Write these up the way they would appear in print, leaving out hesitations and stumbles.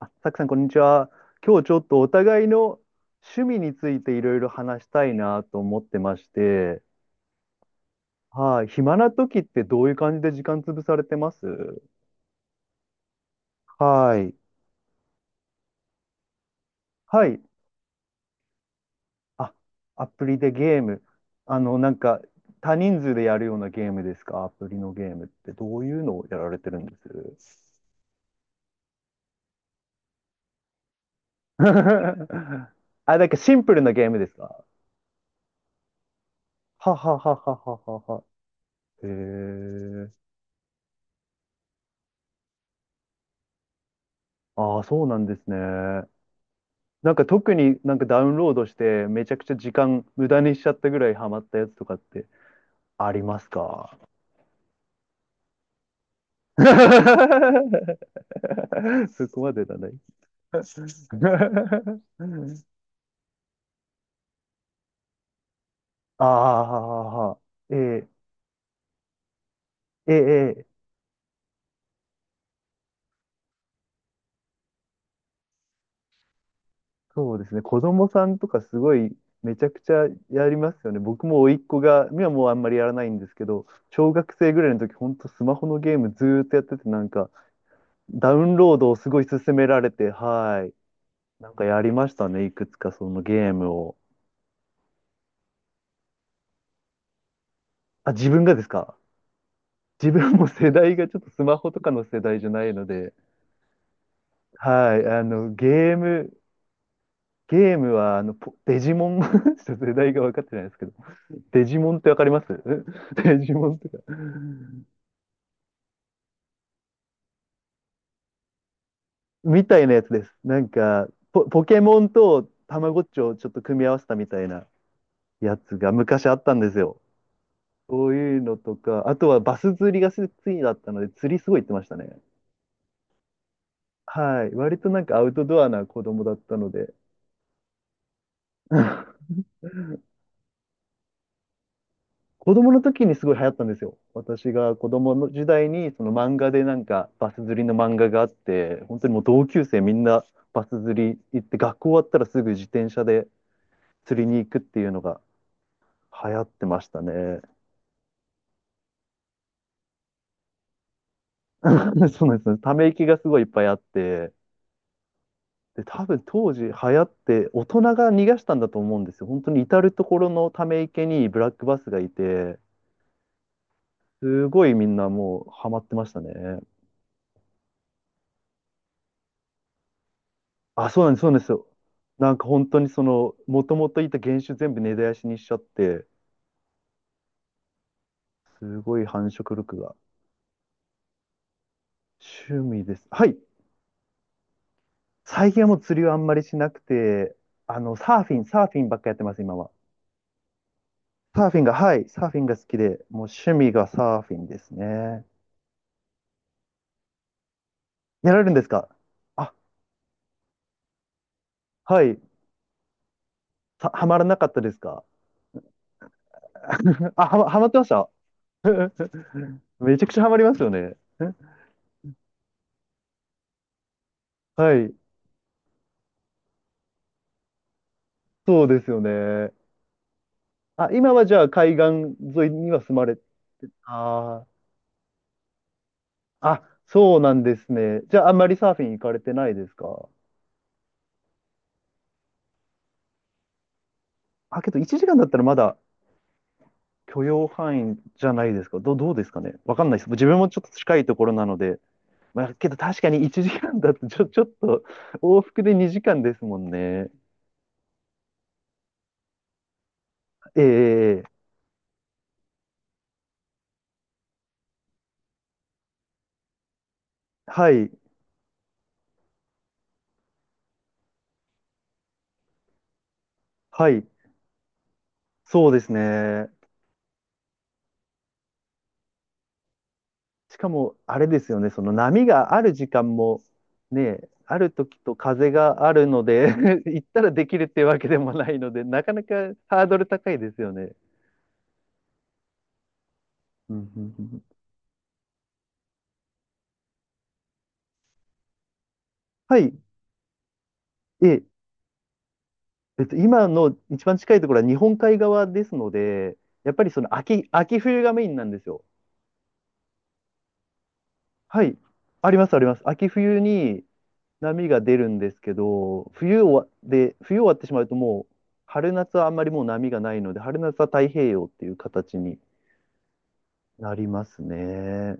あ、さくさん、こんにちは。今日ちょっとお互いの趣味についていろいろ話したいなと思ってまして、はい、暇な時ってどういう感じで時間潰されてますはい。はい、あ、アプリでゲーム。あの、なんか、多人数でやるようなゲームですかアプリのゲームってどういうのをやられてるんです あ、なんかシンプルなゲームですかははははははは。へえ。ああ、そうなんですね。なんか特になんかダウンロードしてめちゃくちゃ時間無駄にしちゃったぐらいハマったやつとかってありますか そこまでだね。ああ、ええええええそうですね。子供さんとかすごいめちゃくちゃやりますよね。僕も甥っ子が、今はもうあんまりやらないんですけど、小学生ぐらいの時、ほんとスマホのゲームずーっとやってて、なんかダウンロードをすごい勧められて、はい。なんかやりましたね。いくつかそのゲームを。あ、自分がですか自分も世代がちょっとスマホとかの世代じゃないので、はい、あの、ゲーム、ゲームは、あの、ポデジモン ちょっと世代が分かってないですけど、デジモンってわかります デジモンとか。みたいなやつです。なんか、ポケモンとたまごっちをちょっと組み合わせたみたいなやつが昔あったんですよ。そういうのとか、あとはバス釣りが好きだったので、釣りすごい行ってましたね。はい。割となんかアウトドアな子供だったので、子供の時にすごい流行ったんですよ。私が子供の時代にその漫画でなんかバス釣りの漫画があって、本当にもう同級生みんなバス釣り行って、学校終わったらすぐ自転車で釣りに行くっていうのが流行ってましたね。そうなんですね。ため息がすごいいっぱいあって、で、多分当時流行って大人が逃がしたんだと思うんですよ。本当に至る所のため池にブラックバスがいて、すごいみんなもうハマってましたね。あ、そうなんです、そうなんですよ。なんか本当にその、もともといた原種全部根絶やしにしちゃって、すごい繁殖力が。趣味です。はい。最近はもう釣りはあんまりしなくて、あの、サーフィン、サーフィンばっかやってます、今は。サーフィンが、はい、サーフィンが好きで、もう趣味がサーフィンですね。やられるんですかあ、はい。さ、ハマらなかったですか ハマってました めちゃくちゃハマりますよね。はい。そうですよね。あ、今はじゃあ海岸沿いには住まれ、ああ、あ、そうなんですね。じゃああんまりサーフィン行かれてないですかあ、けど1時間だったらまだ許容範囲じゃないですかど、どうですかねわかんないです。自分もちょっと近いところなので。まあ、けど確かに1時間だとちょ、ちょっと往復で2時間ですもんね。ええはい、はい、そうですね。しかも、あれですよね、その波がある時間も、ね、ある時と風があるので 行ったらできるっていうわけでもないので、なかなかハードル高いですよね。うんうんうんはい。え、えっと、今の一番近いところは日本海側ですので、やっぱりその秋冬がメインなんですよ。はい。あります、あります。秋冬に波が出るんですけど、冬終わってしまうともう、春夏はあんまりもう波がないので、春夏は太平洋っていう形になりますね。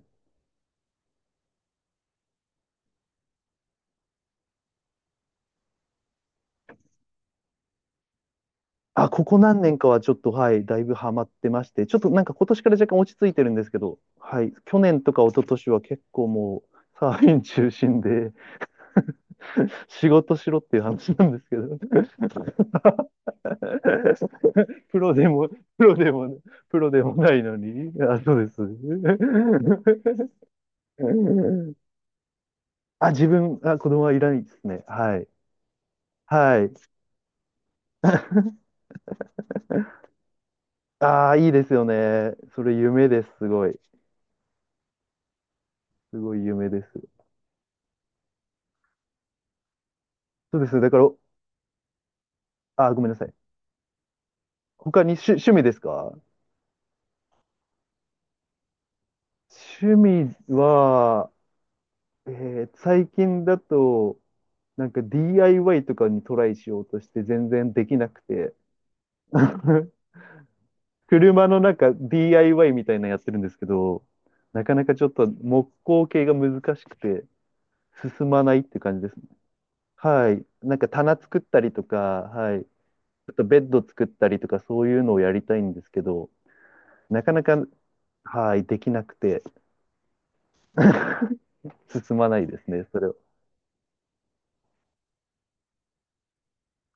あ、ここ何年かはちょっと、はい、だいぶハマってまして、ちょっとなんか今年から若干落ち着いてるんですけど、はい、去年とか一昨年は結構もう、サーフィン中心で 仕事しろっていう話なんですけど プロでも、プロでもね、プロでもないのに、あ、そうです。あ、自分、あ、子供はいないですね。はい。はい。ああ、いいですよね。それ夢です。すごい。すごい夢です。そうです。だから、あ、ごめんなさい。他に趣味ですか趣味は、えー最近だと、なんか DIY とかにトライしようとして全然できなくて、車の中 DIY みたいなのやってるんですけど、なかなかちょっと木工系が難しくて進まないって感じですね。はい。なんか棚作ったりとか、はい。あとベッド作ったりとかそういうのをやりたいんですけど、なかなか、はい、できなくて。進まないですね、それは。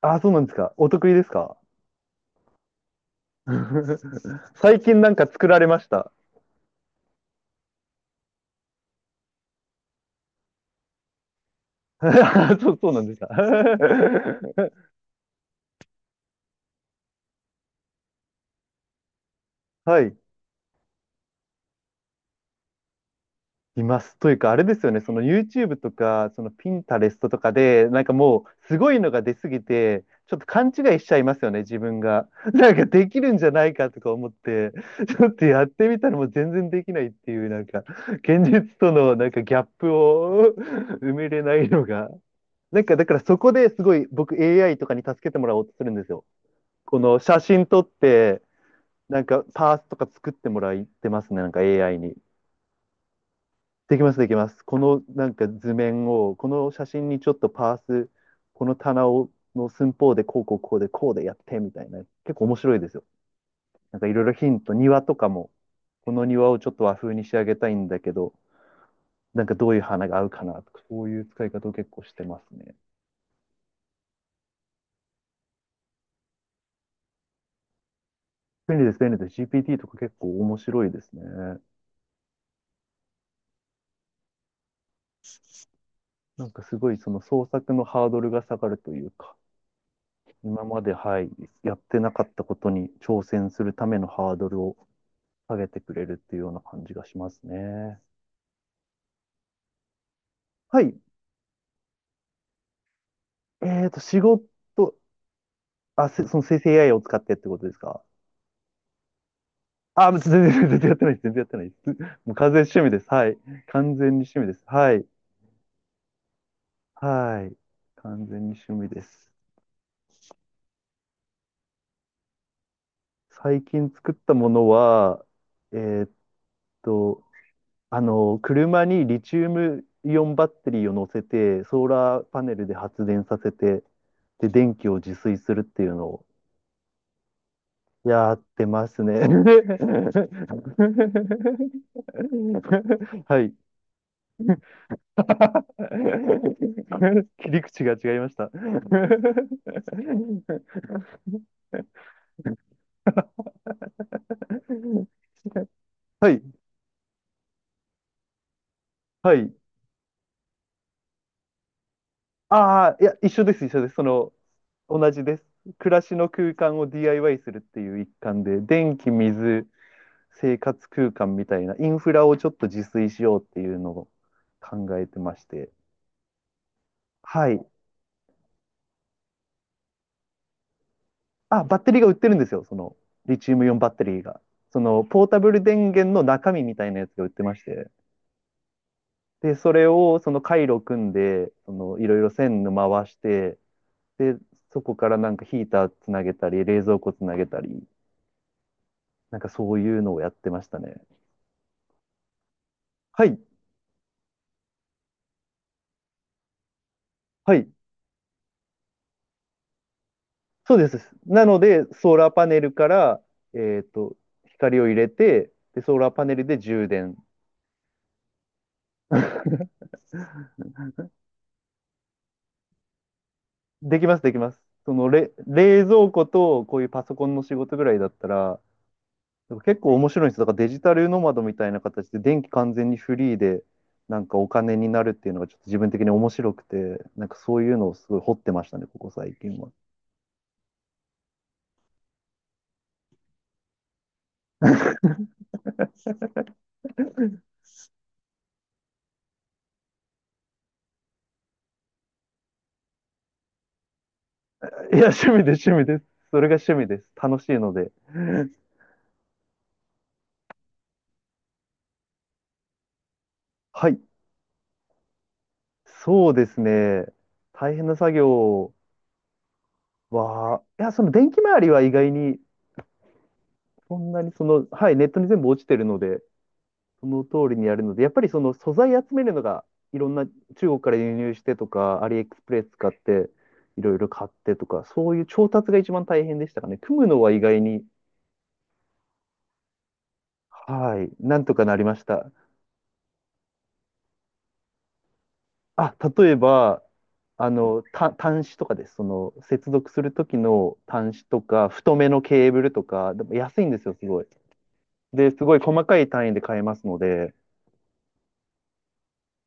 あ、そうなんですか。お得意ですか 最近なんか作られました。あそう、そうなんですか。はい。います。というか、あれですよね、その YouTube とか、その Pinterest とかで、なんかもう、すごいのが出すぎて、ちょっと勘違いしちゃいますよね、自分が。なんかできるんじゃないかとか思って、ちょっとやってみたらもう全然できないっていう、なんか、現実とのなんかギャップを 埋めれないのがなんか、だからそこですごい僕 AI とかに助けてもらおうとするんですよ。この写真撮って、なんかパーツとか作ってもらってますね、なんか AI に。できます、できます。このなんか図面を、この写真にちょっとパース、この棚をの寸法でこうこうこうでこうでやってみたいな。結構面白いですよ。なんかいろいろヒント、庭とかも、この庭をちょっと和風に仕上げたいんだけど、なんかどういう花が合うかなとか、そういう使い方を結構してますね。便利です、便利です。GPT とか結構面白いですね。なんかすごいその創作のハードルが下がるというか、今まで、はい、やってなかったことに挑戦するためのハードルを下げてくれるっていうような感じがしますね。はい。えっと、仕事、あ、その生成 AI を使ってってことですかあ、全然、全然やってないです。全然やってないです。もう完全に趣味です。はい。完全に趣味です。はい。はい。完全に趣味です。最近作ったものは、えーっと、あの、車にリチウムイオンバッテリーを乗せて、ソーラーパネルで発電させて、で、電気を自炊するっていうのをやってますね。はい。切り口が違いました。はい、はい。ああ、いや、一緒です、一緒です。その、同じです。暮らしの空間を DIY するっていう一環で、電気、水、生活空間みたいなインフラをちょっと自炊しようっていうのを考えてまして。はい。あ、バッテリーが売ってるんですよ。その、リチウムイオンバッテリーが。その、ポータブル電源の中身みたいなやつが売ってまして。で、それを、その回路組んで、その、いろいろ線の回して、で、そこからなんかヒーターつなげたり、冷蔵庫つなげたり、なんかそういうのをやってましたね。はい。はい。そうです。なので、ソーラーパネルから、えっと、光を入れて、で、ソーラーパネルで充電。できます、できます。そのれ、冷蔵庫とこういうパソコンの仕事ぐらいだったら、結構面白いんです。だからデジタルノマドみたいな形で電気完全にフリーで、なんかお金になるっていうのがちょっと自分的に面白くて、なんかそういうのをすごい掘ってましたね、ここ最近は。いや、趣味です、趣味です。それが趣味です。楽しいので。はい。そうですね。大変な作業は、いや、その電気周りは意外に、そんなにその、はい、ネットに全部落ちてるので、その通りにやるので、やっぱりその素材集めるのが、いろんな中国から輸入してとか、アリエクスプレス使って、いろいろ買ってとか、そういう調達が一番大変でしたかね。組むのは意外に、はい、なんとかなりました。あ、例えば、あの、端子とかです。その、接続するときの端子とか、太めのケーブルとか、でも安いんですよ、すごい。で、すごい細かい単位で買えますので、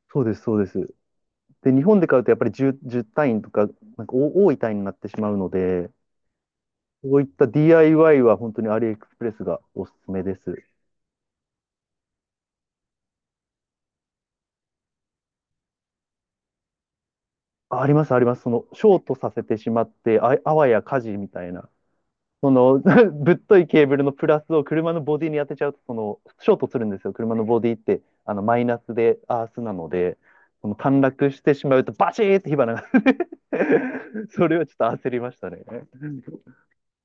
そうです、そうです。で、日本で買うとやっぱり10、じゅう単位とか、なんかお多い単位になってしまうので、こういった DIY は本当にアリエクスプレスがおすすめです。あ、あります、あります。その、ショートさせてしまって、あ、あわや火事みたいな。その ぶっといケーブルのプラスを車のボディに当てちゃうと、その、ショートするんですよ。車のボディって、あの、マイナスでアースなので、その、短絡してしまうと、バチーって火花が それはちょっと焦りましたね。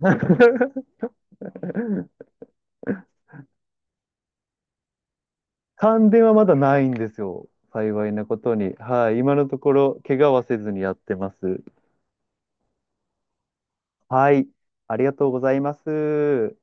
感電はまだないんですよ。幸いなことに。はい。今のところ、怪我はせずにやってます。はい。ありがとうございます。